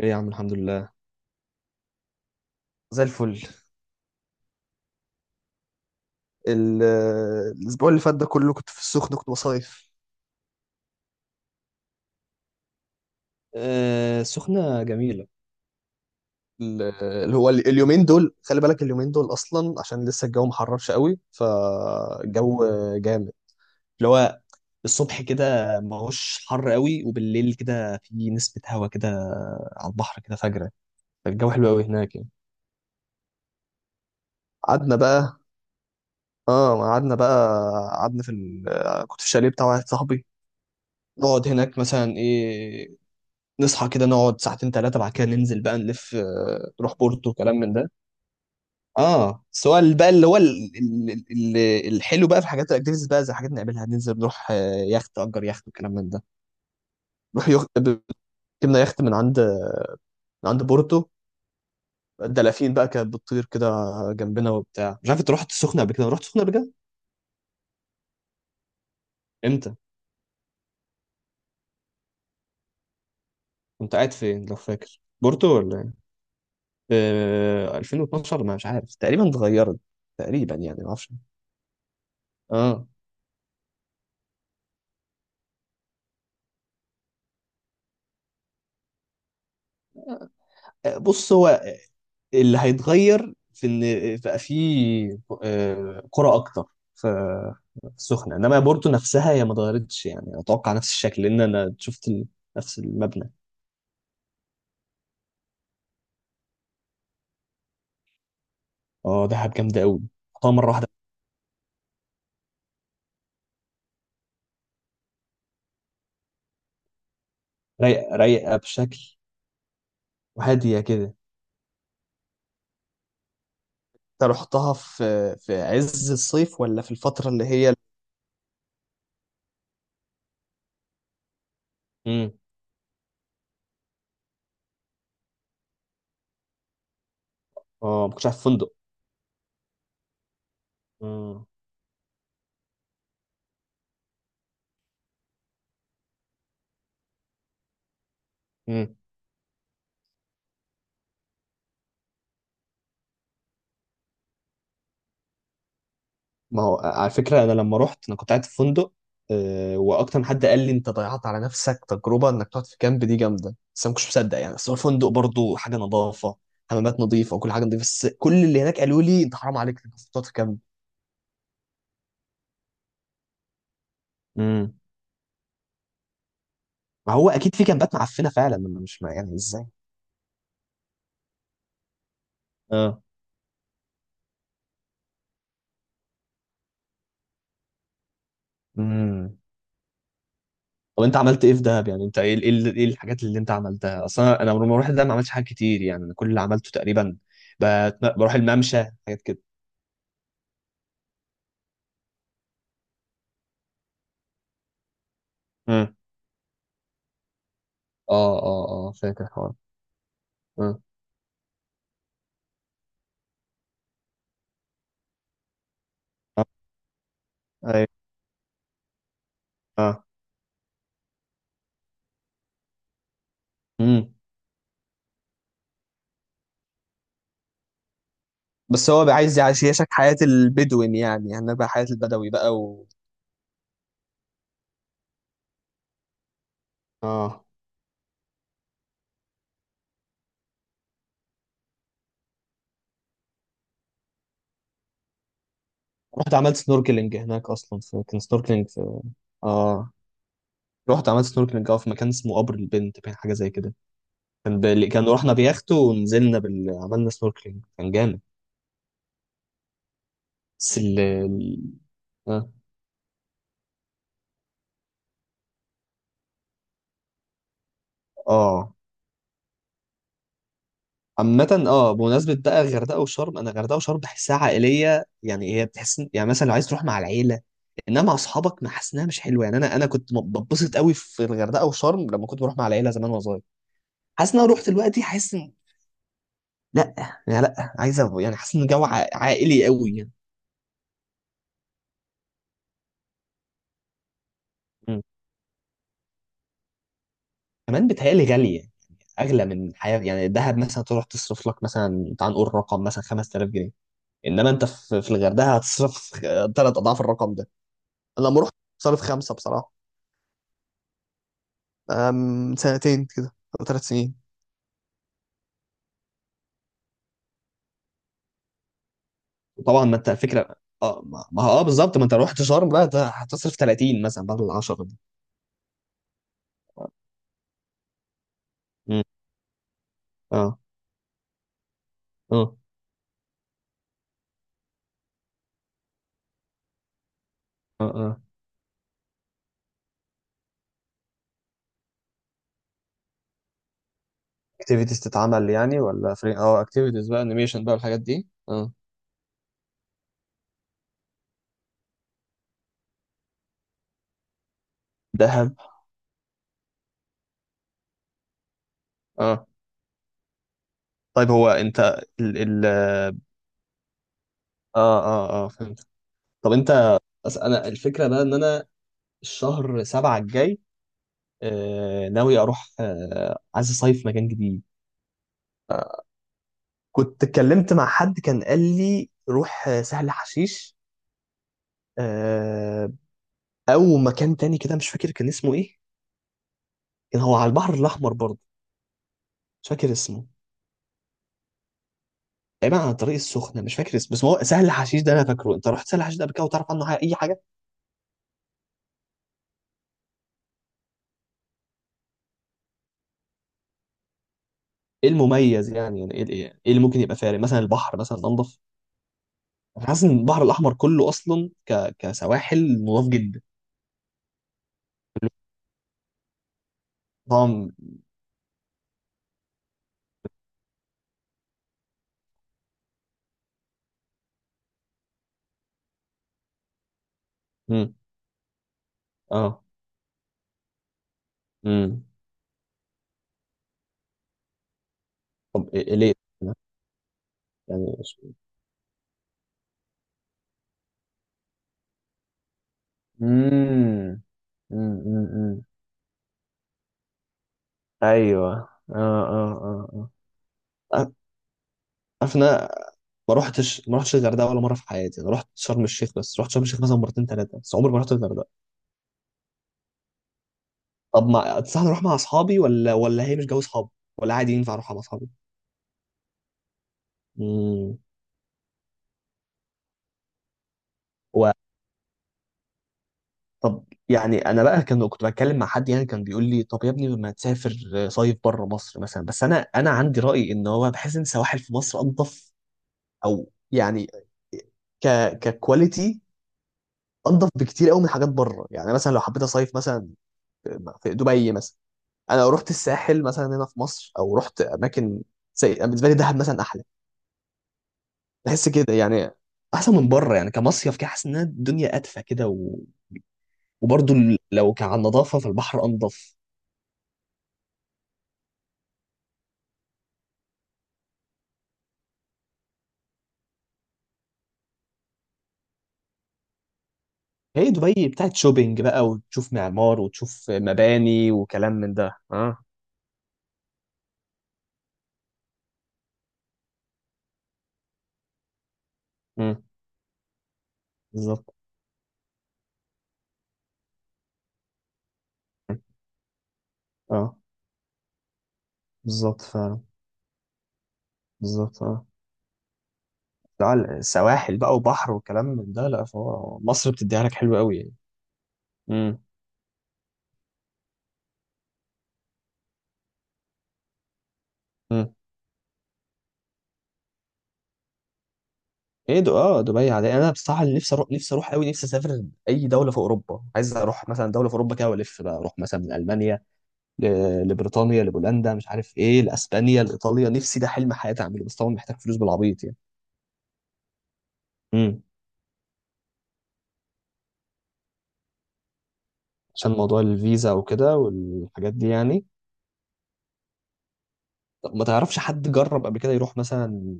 ايه يا عم، الحمد لله. زي الفل. ال- الاسبوع اللي فات ده كله كنت في السخنه، كنت بصيف. آه، سخنة جميلة. ال- اللي هو اليومين دول، خلي بالك، اليومين دول اصلا عشان لسه الجو ما حررش قوي، فالجو جامد. اللي هو الصبح كده ما هوش حر قوي، وبالليل كده في نسبة هوا كده على البحر كده فجرة، فالجو حلو قوي هناك يعني. قعدنا بقى، اه قعدنا بقى، قعدنا في كنت في الشاليه بتاع واحد صاحبي. نقعد هناك مثلا ايه، نصحى كده، نقعد ساعتين ثلاثة، بعد كده ننزل بقى نلف، نروح بورتو وكلام من ده. اه، سواء بقى اللي هو ال- الحلو بقى في حاجات الاكتيفيتيز بقى، زي حاجات نعملها ننزل نروح، يخت، اجر يخت وكلام من ده. نروح يخت ركبنا يخت من عند بورتو. الدلافين بقى كانت بتطير كده جنبنا وبتاع. مش عارف، انت رحت السخنة قبل كده؟ رحت السخنة قبل كده؟ امتى؟ كنت قاعد فين لو فاكر بورتو ولا ايه؟ في 2012، ما مش عارف، تقريبا اتغيرت. تقريبا يعني، ما اعرفش. اه. بص هو اللي هيتغير في اللي بقى فيه آه، كرة أكتر، في في السخنة. إنما بورتو نفسها هي ما اتغيرتش يعني، أتوقع نفس الشكل، لأن أنا شفت نفس المبنى. أه، دهب جامدة أوي. حطها مرة واحدة. رايقة، رايقة بشكل، وهادية كده. أنت رحتها في في عز الصيف ولا في الفترة اللي هي؟ امم. أه، ما كنتش عارف فندق. امم. ما هو على فكرة، أنا لما رحت أنا كنت قاعد في فندق، آه، وأكتر من حد قال لي أنت ضيعت على نفسك تجربة إنك تقعد في كامب، دي جامدة، بس أنا ما كنتش مصدق يعني. أصل هو فندق برضه، حاجة نظافة، حمامات نظيفة وكل حاجة نظيفة، بس كل اللي هناك قالوا لي أنت حرام عليك إنك تقعد في كامب. امم. ما هو أكيد في كامبات معفنة فعلا، أنا مش، ما يعني إزاي. اه. امم. طب أنت عملت إيه في دهب يعني؟ أنت إيه الحاجات اللي أنت عملتها أصلا؟ أنا لما رحت دهب ما عملتش حاجات كتير يعني، أنا كل اللي عملته تقريبا بروح الممشى حاجات كده. امم. اه اه اه، فاكر الحوار. اه اه، ايوه، اه. امم. بس هو بقى عايز يعيشك حياة البدوين يعني، هناك بقى حياة البدوي بقى و... اه. رحت عملت سنوركلينج هناك اصلا، في كان سنوركلينج في. اه، رحت عملت سنوركلينج اه في مكان اسمه قبر البنت، كان حاجه زي كده. كان رحنا بيخت ونزلنا عملنا سنوركلينج، كان جامد. بس اه. آه. عامة، اه، بمناسبة بقى غردقة وشرم، انا غردقة وشرم بحسها عائلية يعني، هي بتحس يعني مثلا لو عايز تروح مع العيلة. انما مع اصحابك ما حاسس انها مش حلوه يعني. انا كنت بتبسط قوي في الغردقه وشرم لما كنت بروح مع العيله زمان وانا صغير. حاسس ان انا رحت دلوقتي حاسس ان... لا، يعني لا، عايز يعني حاسس ان الجو عائلي قوي يعني. مم. كمان بيتهيألي غاليه يعني، اغلى من الحياه يعني. الدهب مثلا تروح تصرف لك مثلا، تعال نقول رقم مثلا 5000 جنيه، انما انت في الغردقه هتصرف ثلاث اضعاف الرقم ده. انا لما رحت صرف خمسه بصراحه، آه، من سنتين كده او ثلاث سنين. وطبعا ما انت فكره. اه، ما هو اه، بالظبط، ما انت لو رحت شرم بقى ده هتصرف 30 مثلا بدل 10 دي. مم. اه اه اه اه، اكتيفيتيز تتعمل يعني، ولا فري، اه اكتيفيتيز بقى، انيميشن بقى، الحاجات دي اه. دهب. اه. طيب هو انت ال ال اه اه اه فهمت. طب انت بس انا الفكره بقى ان انا الشهر سبعة الجاي، آه ناوي اروح، آه عايز اصيف مكان جديد. كنت اتكلمت مع حد كان قال لي روح، سهل حشيش، آه. او مكان تاني كده مش فاكر كان اسمه ايه، كان هو على البحر الاحمر برضه، مش فاكر اسمه. تقريبا على طريق السخنه، مش فاكر اسمه، بس هو سهل حشيش ده انا فاكره. انت رحت سهل حشيش ده قبل كده وتعرف عنه حاجه، اي حاجه؟ ايه المميز يعني؟ يعني ايه ايه إيه اللي ممكن يبقى فارق؟ مثلا البحر مثلا انضف؟ أنا حاسس ان البحر الاحمر كله اصلا كسواحل نضاف جدا. طبعا. امم. اه. امم. طب إيه إيه ليه؟ يعني مش... امم، امم، امم، أمم. ايوه، اه. اه اه اه. عارف إن أنا ما رحتش الغردقه ولا مره في حياتي. انا رحت شرم الشيخ بس، رحت شرم الشيخ مثلا مرتين ثلاثه، بس عمري ما رحت الغردقه. طب ما تنصحني اروح مع اصحابي ولا هي مش جو اصحابي، ولا عادي ينفع اروح مع اصحابي؟ امم. و... طب يعني انا بقى كنت بتكلم مع حد يعني كان بيقول لي طب يا ابني ما تسافر، صيف بره مصر مثلا. بس انا عندي راي ان هو بحس ان سواحل في مصر انضف، او يعني ك ككواليتي انضف بكتير قوي من حاجات بره يعني. مثلا لو حبيت اصيف مثلا في دبي مثلا، انا لو رحت الساحل مثلا هنا في مصر او رحت اماكن زي بالنسبه لي دهب مثلا احلى، بحس كده يعني، احسن من بره يعني، كمصيف كده، حاسس انها الدنيا ادفى كده وبرضه لو كان على النظافه فالبحر انضف. هي دبي بتاعت شوبينج بقى، وتشوف معمار وتشوف مباني وكلام من ده، اه. امم. بالظبط. اه، بالظبط فعلا. بالظبط، اه. لا، السواحل بقى وبحر وكلام من ده، لا فهو مصر بتديها لك حلو قوي يعني. امم. ايه ده؟ اه دبي عادي. انا بصراحه اللي نفسي اروح، نفسي اروح قوي، نفسي اسافر اي دوله في اوروبا، عايز اروح مثلا دوله في اوروبا كده والف، بقى اروح مثلا من المانيا لبريطانيا، لبولندا، مش عارف ايه، لاسبانيا، لايطاليا. نفسي ده حلم حياتي اعمله، بس طبعا محتاج فلوس بالعبيط يعني. امم. عشان موضوع الفيزا وكده والحاجات دي يعني. طب ما تعرفش حد جرب قبل كده يروح مثلا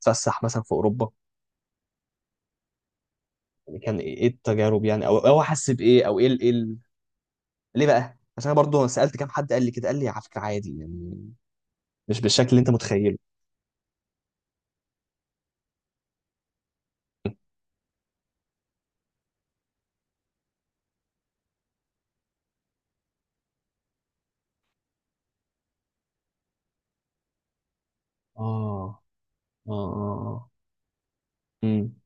يتفسح مثلا في اوروبا يعني؟ كان ايه التجارب يعني، او حس بايه، او ايه إيه ليه بقى؟ عشان انا برضه سالت كام حد قال لي كده، قال لي على فكره عادي يعني، مش بالشكل اللي انت متخيله. اه اه اه. امم.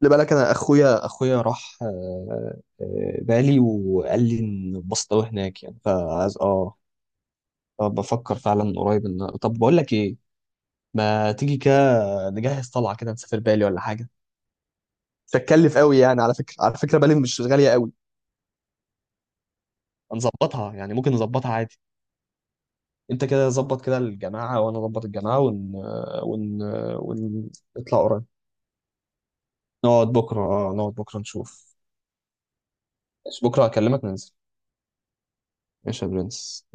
خلي بالك انا اخويا راح بالي وقال لي ان اتبسط أوي هناك يعني، فعايز بفكر فعلا قريب. ان طب بقول لك ايه، ما تيجي كده، نجهز طلعه كده نسافر بالي ولا حاجه. مش هتكلف قوي يعني على فكره، على فكره بالي مش غاليه قوي. هنظبطها يعني، ممكن نظبطها عادي. انت كده ظبط كده الجماعه وانا اظبط الجماعه ون... ون... نطلع قريب. نقعد بكره، نقعد بكره نشوف. بكره هكلمك ننزل. ايش يا برنس؟